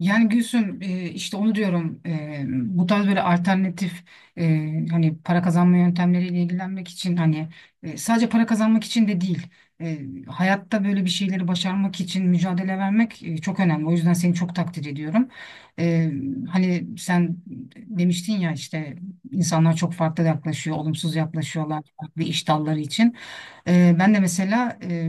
Yani Gülsüm işte onu diyorum bu tarz böyle alternatif e, hani para kazanma yöntemleriyle ilgilenmek için hani sadece para kazanmak için de değil e, hayatta böyle bir şeyleri başarmak için mücadele vermek çok önemli. O yüzden seni çok takdir ediyorum. E, hani sen demiştin ya işte insanlar çok farklı yaklaşıyor, olumsuz yaklaşıyorlar farklı iş dalları için. Ben de mesela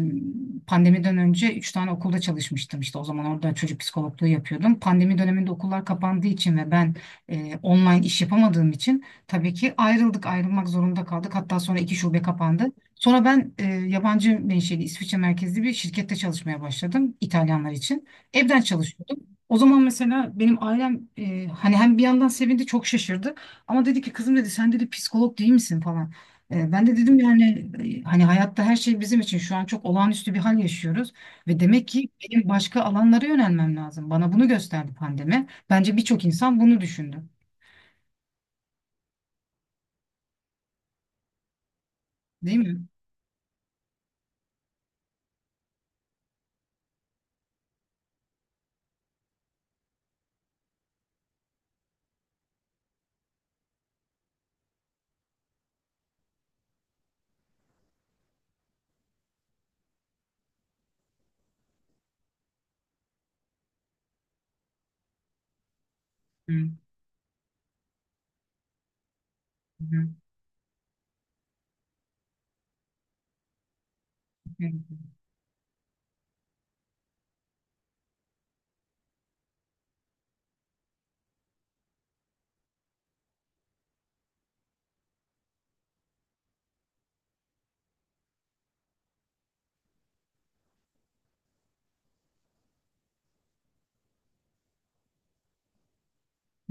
pandemiden önce üç tane okulda çalışmıştım. İşte o zaman orada çocuk psikologluğu yapıyordum. Pandemi döneminde okullar kapandığı için ve ben online iş yapamadığım için tabii ki ayrıldık, ayrılmak zorunda kaldık. Hatta sonra iki şube kapandı. Sonra ben yabancı menşeli İsviçre merkezli bir şirkette çalışmaya başladım İtalyanlar için. Evden çalışıyordum. O zaman mesela benim ailem hani hem bir yandan sevindi çok şaşırdı ama dedi ki kızım dedi sen dedi psikolog değil misin falan. Ben de dedim yani hani hayatta her şey bizim için şu an çok olağanüstü bir hal yaşıyoruz ve demek ki benim başka alanlara yönelmem lazım. Bana bunu gösterdi pandemi. Bence birçok insan bunu düşündü. Değil mi? Hı hı.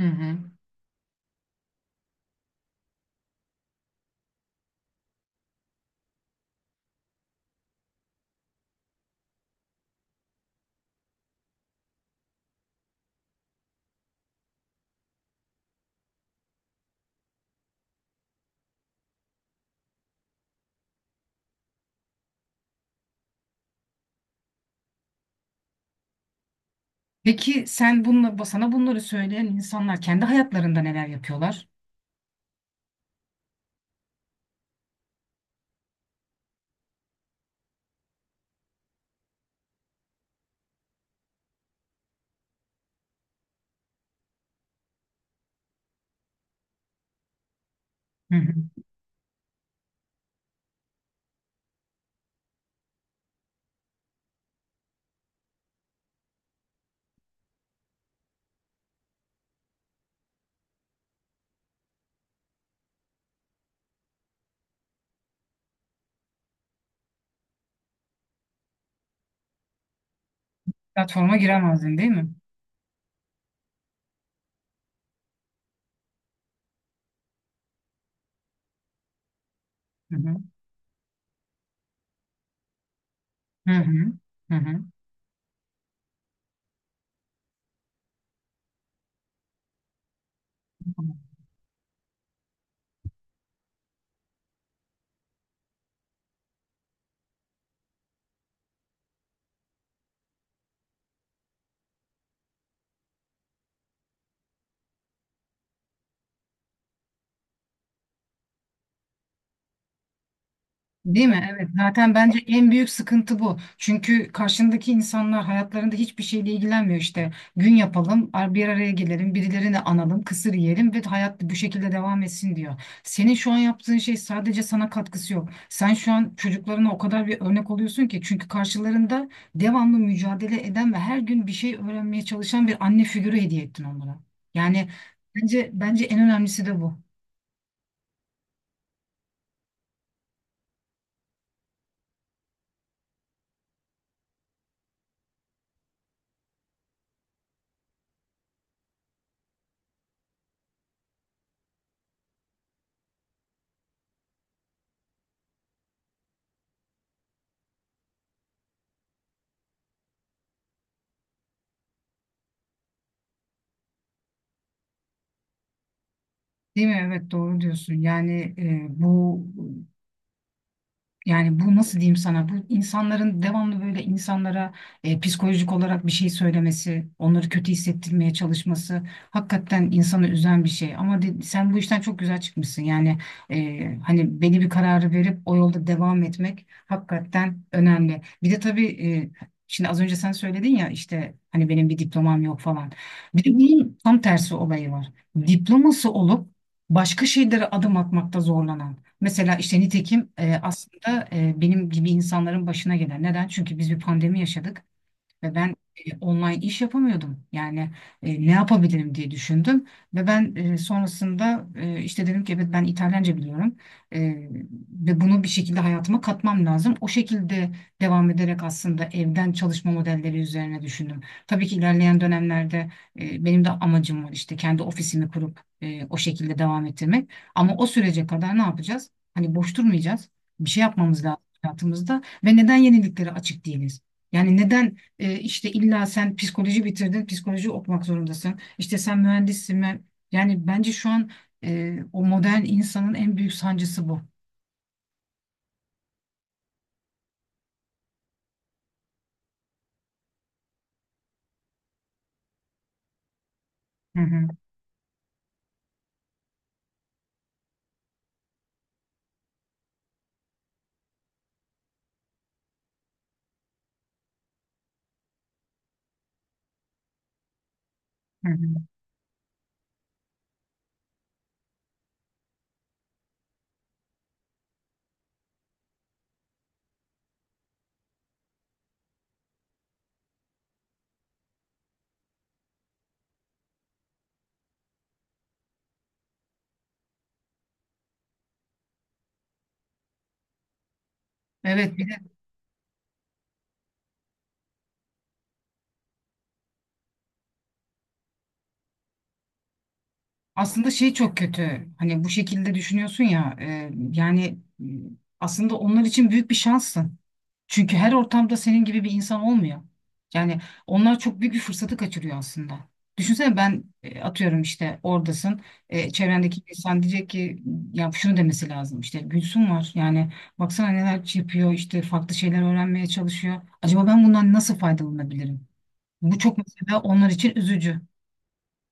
Hı hı. Hı. Peki sen bunla, sana bunları söyleyen insanlar kendi hayatlarında neler yapıyorlar? Hı hı. Platforma giremezdin değil mi? Hı hı. Hı hı. Hı hı. Değil mi? Evet. Zaten bence en büyük sıkıntı bu. Çünkü karşındaki insanlar hayatlarında hiçbir şeyle ilgilenmiyor işte. Gün yapalım, bir araya gelelim, birilerini analım, kısır yiyelim ve hayat bu şekilde devam etsin diyor. Senin şu an yaptığın şey sadece sana katkısı yok. Sen şu an çocuklarına o kadar bir örnek oluyorsun ki çünkü karşılarında devamlı mücadele eden ve her gün bir şey öğrenmeye çalışan bir anne figürü hediye ettin onlara. Yani bence en önemlisi de bu. Değil mi? Evet, doğru diyorsun. Yani e, bu bu nasıl diyeyim sana? Bu insanların devamlı böyle insanlara psikolojik olarak bir şey söylemesi, onları kötü hissettirmeye çalışması hakikaten insanı üzen bir şey. Ama sen bu işten çok güzel çıkmışsın. Yani hani belli bir kararı verip o yolda devam etmek hakikaten önemli. Bir de tabii şimdi az önce sen söyledin ya işte hani benim bir diplomam yok falan. Bir de bunun tam tersi olayı var. Diploması olup başka şeylere adım atmakta zorlanan. Mesela işte nitekim aslında benim gibi insanların başına gelen. Neden? Çünkü biz bir pandemi yaşadık. Ve ben online iş yapamıyordum. Yani ne yapabilirim diye düşündüm. Ve ben sonrasında işte dedim ki evet ben İtalyanca biliyorum. E, ve bunu bir şekilde hayatıma katmam lazım. O şekilde devam ederek aslında evden çalışma modelleri üzerine düşündüm. Tabii ki ilerleyen dönemlerde benim de amacım var işte kendi ofisimi kurup o şekilde devam ettirmek. Ama o sürece kadar ne yapacağız? Hani boş durmayacağız. Bir şey yapmamız lazım hayatımızda ve neden yeniliklere açık değiliz? Yani neden işte illa sen psikoloji bitirdin, psikoloji okumak zorundasın. İşte sen mühendissin. Yani bence şu an o modern insanın en büyük sancısı bu. Hı hı, hı hı. Evet, bir de aslında şey çok kötü. Hani bu şekilde düşünüyorsun ya yani aslında onlar için büyük bir şanssın. Çünkü her ortamda senin gibi bir insan olmuyor. Yani onlar çok büyük bir fırsatı kaçırıyor aslında. Düşünsene ben atıyorum işte oradasın. Çevrendeki insan diyecek ki ya şunu demesi lazım. İşte Gülsüm var. Yani baksana neler yapıyor. İşte farklı şeyler öğrenmeye çalışıyor. Acaba ben bundan nasıl faydalanabilirim? Bu çok mesela onlar için üzücü.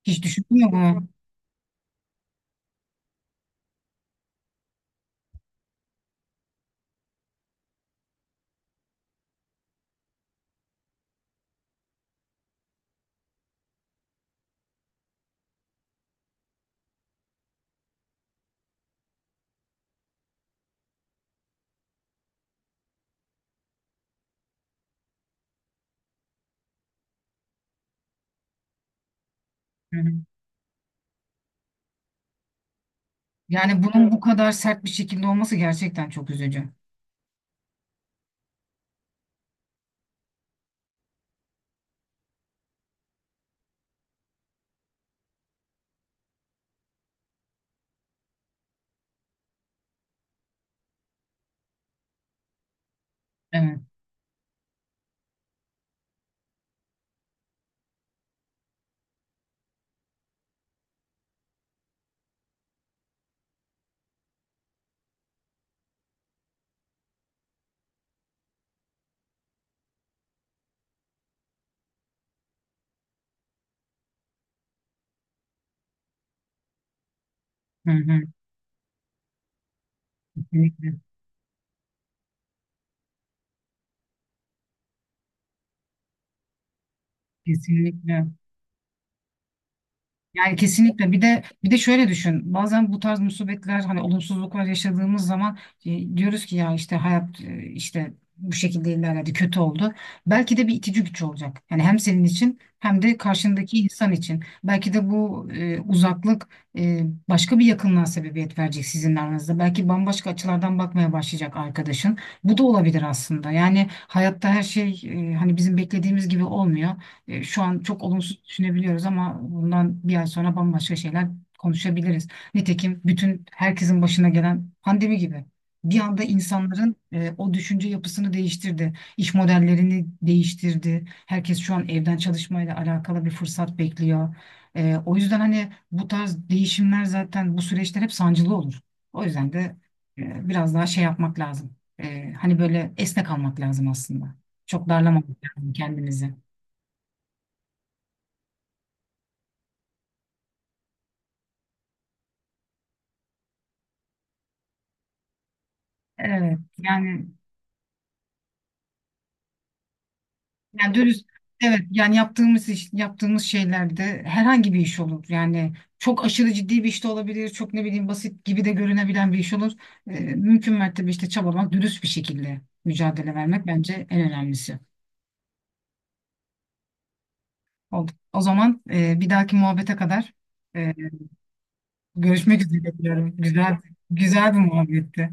Hiç düşündün mü bunu? Hı hı. Yani bunun bu kadar sert bir şekilde olması gerçekten çok üzücü. Evet. Hı hı. Kesinlikle. Kesinlikle. Yani kesinlikle bir de şöyle düşün, bazen bu tarz musibetler hani olumsuzluklar yaşadığımız zaman diyoruz ki ya işte hayat işte bu şekilde ilerledi kötü oldu. Belki de bir itici güç olacak. Yani hem senin için hem de karşındaki insan için. Belki de bu uzaklık e, başka bir yakınlığa sebebiyet verecek sizin aranızda. Belki bambaşka açılardan bakmaya başlayacak arkadaşın. Bu da olabilir aslında. Yani hayatta her şey hani bizim beklediğimiz gibi olmuyor. Şu an çok olumsuz düşünebiliyoruz ama bundan bir ay sonra bambaşka şeyler konuşabiliriz. Nitekim bütün herkesin başına gelen pandemi gibi. Bir anda insanların o düşünce yapısını değiştirdi. İş modellerini değiştirdi. Herkes şu an evden çalışmayla alakalı bir fırsat bekliyor. O yüzden hani bu tarz değişimler zaten bu süreçler hep sancılı olur. O yüzden de biraz daha şey yapmak lazım. Hani böyle esnek almak lazım aslında. Çok darlamamak lazım kendimizi. Evet yani yani dürüst evet, yani yaptığımız iş, yaptığımız şeylerde herhangi bir iş olur. Yani çok aşırı ciddi bir iş de olabilir. Çok ne bileyim basit gibi de görünebilen bir iş olur. Mümkün mertebe işte çabalamak, dürüst bir şekilde mücadele vermek bence en önemlisi. Oldu. O zaman bir dahaki muhabbete kadar e, görüşmek üzere diyorum. Güzel güzel bir muhabbetti.